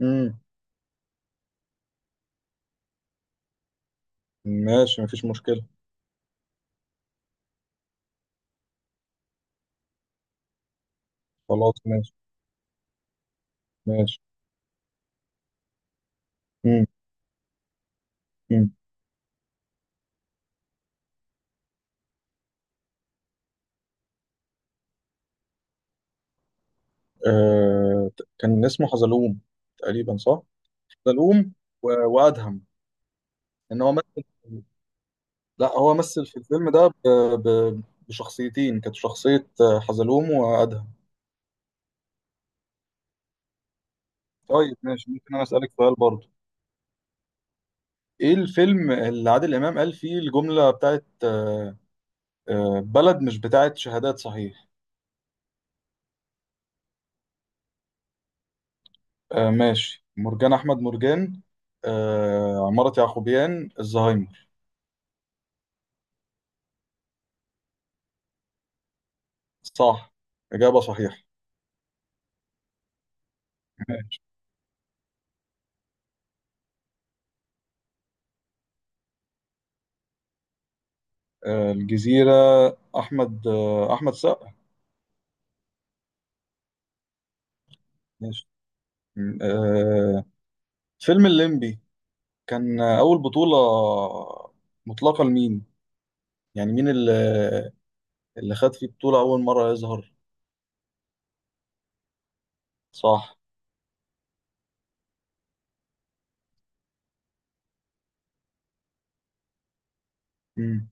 امم ماشي، مفيش مشكلة. خلاص ماشي. ماشي. امم. امم. كان اسمه حزلوم. تقريبا صح؟ حزلوم وأدهم. إن هو مثل. لا، هو مثل في الفيلم ده ب... بشخصيتين. كانت شخصية حزلوم وأدهم. طيب ماشي، ممكن أنا أسألك سؤال برضه؟ إيه الفيلم اللي عادل إمام قال فيه الجملة بتاعت بلد مش بتاعت شهادات صحيح؟ ماشي، مرجان أحمد مرجان. عمارة يعقوبيان الزهايمر. صح. إجابة صحيحة. ماشي. الجزيرة. أحمد أحمد سقا. ماشي. م- آه، فيلم الليمبي كان أول بطولة مطلقة لمين؟ يعني مين اللي خد فيه بطولة أول مرة يظهر؟ صح. مم.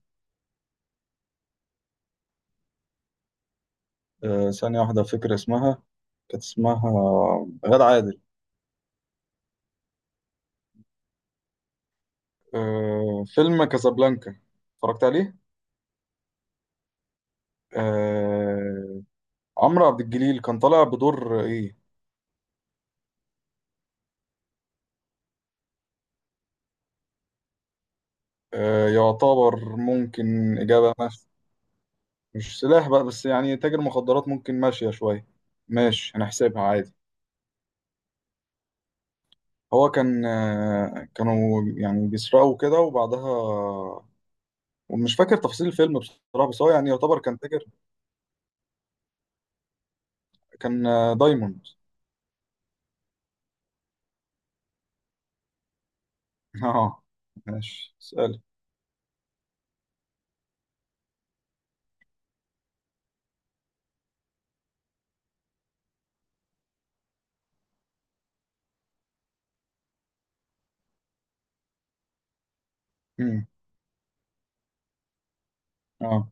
ثانية واحدة، فكرة اسمها. كانت اسمها غادة عادل. فيلم كازابلانكا، اتفرجت عليه؟ آه، عمرو عبد الجليل كان طالع بدور إيه؟ يعتبر ممكن إجابة مش سلاح بقى، بس يعني تاجر مخدرات ممكن ماشية شوية. ماشي، هنحسبها عادي. هو كان آه، كانوا يعني بيسرقوا كده وبعدها، ومش فاكر تفاصيل الفيلم بصراحة، بس هو يعني يعتبر كان تاجر. كان دايموند. اه. ماشي، اسأل. مم. اه،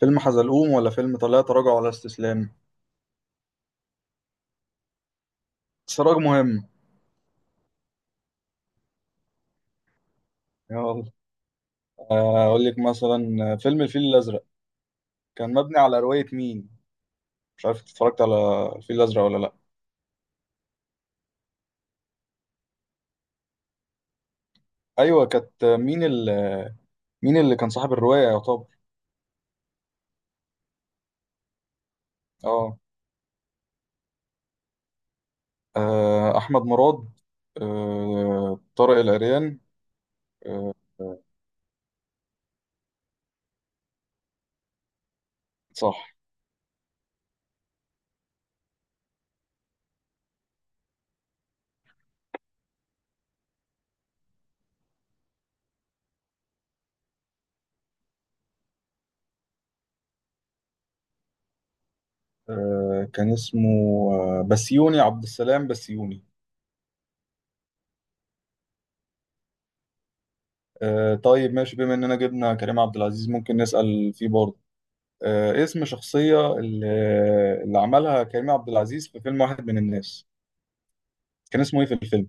فيلم حزلقوم ولا فيلم لا تراجع ولا استسلام؟ سراج مهم. يلا. أقول لك مثلا فيلم الفيل الأزرق كان مبني على رواية مين؟ مش عارف اتفرجت على الفيل الازرق ولا لا. ايوه، كانت مين مين اللي كان صاحب الروايه يا طب؟ اه. احمد مراد. طارق العريان. آه، صح. كان اسمه بسيوني عبد السلام بسيوني. طيب ماشي، بما اننا جبنا كريم عبد العزيز ممكن نسأل فيه برضه. اسم شخصية اللي عملها كريم عبد العزيز في فيلم واحد من الناس، كان اسمه ايه في الفيلم؟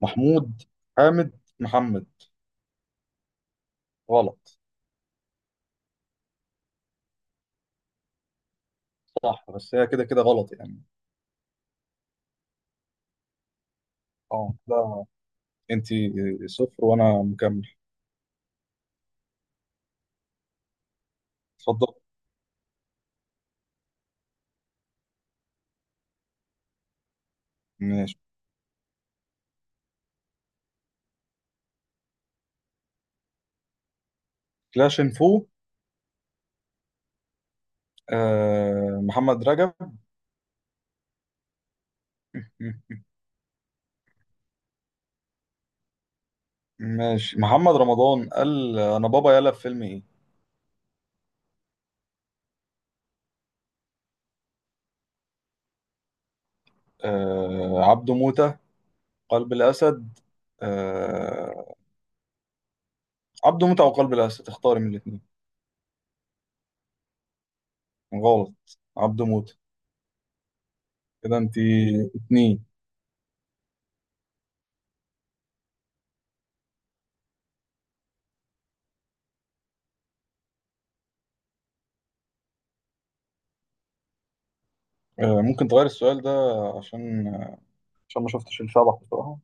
محمود. حامد محمد. غلط. صح، بس هي كده كده غلط يعني. اه، لا، انت صفر وانا مكمل. اتفضل. ماشي. كلاش انفو. محمد رجب. ماشي. محمد رمضان قال انا بابا يلا في فيلم ايه؟ عبده موتة. قلب الاسد. آه عبده موتة او قلب الاسد، اختاري من الاثنين. غلط. عبده موتة. كده انت اتنين. ممكن تغير السؤال ده، عشان ما شفتش الشبح بصراحة.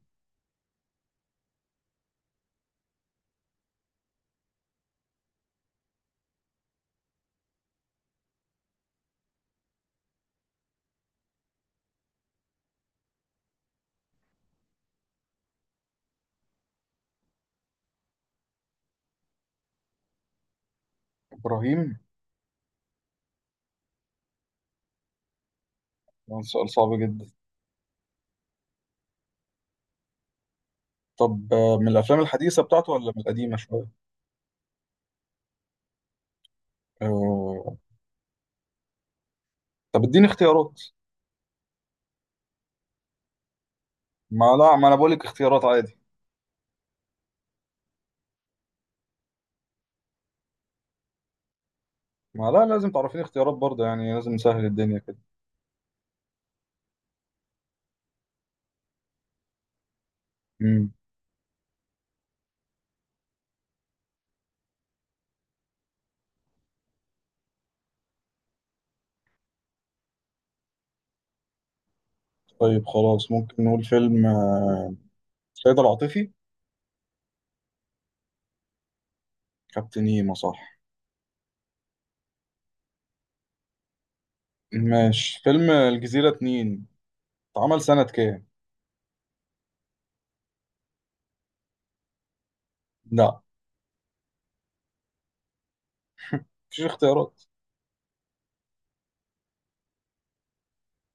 ابراهيم. ده سؤال صعب جدا. طب من الافلام الحديثه بتاعته ولا من القديمه شويه؟ آه، طب اديني اختيارات. ما لا، ما انا بقول لك اختيارات عادي. ما لا، لازم تعرفيني اختيارات برضه، يعني لازم نسهل الدنيا كده. امم. طيب خلاص، ممكن نقول فيلم سيد العاطفي. كابتن هيما صح. ماشي. فيلم الجزيره اتنين اتعمل سنه كام؟ لا، مفيش اختيارات.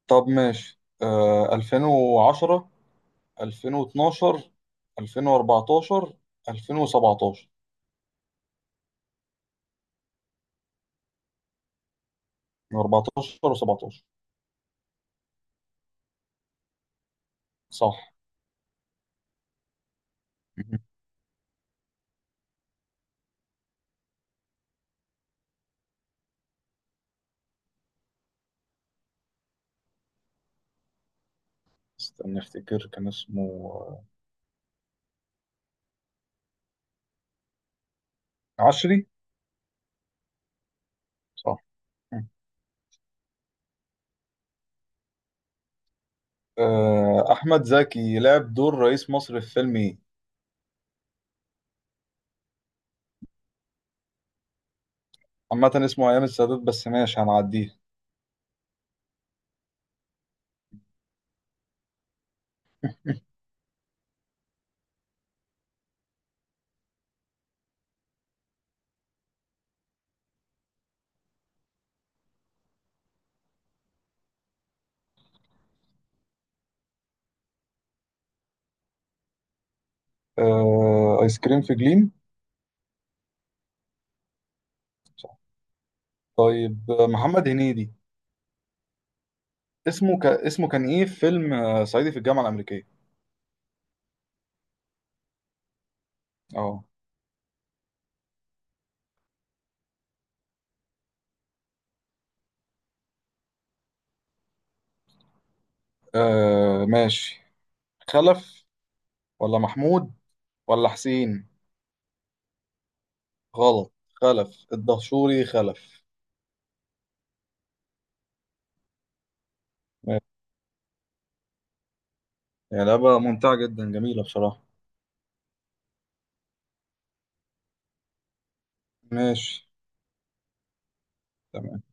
طب ماشي، 2010، 2012، 2014، 2017. 14 و17. صح. مهم. استنى افتكر كان اسمه. عشري. صح. مم. احمد زكي لعب دور رئيس مصر في فيلم ايه؟ عامة اسمه ايام السادات، بس ماشي هنعديه. ايس كريم في جليم. صح. طيب محمد هنيدي اسمه كان ايه في فيلم صعيدي في الجامعة الأمريكية؟ اه. ماشي. خلف. ولا محمود. ولا حسين. غلط. خلف الدهشوري خلف. ماشي. يعني لعبة ممتعة جدا، جميلة بصراحة. ماشي تمام.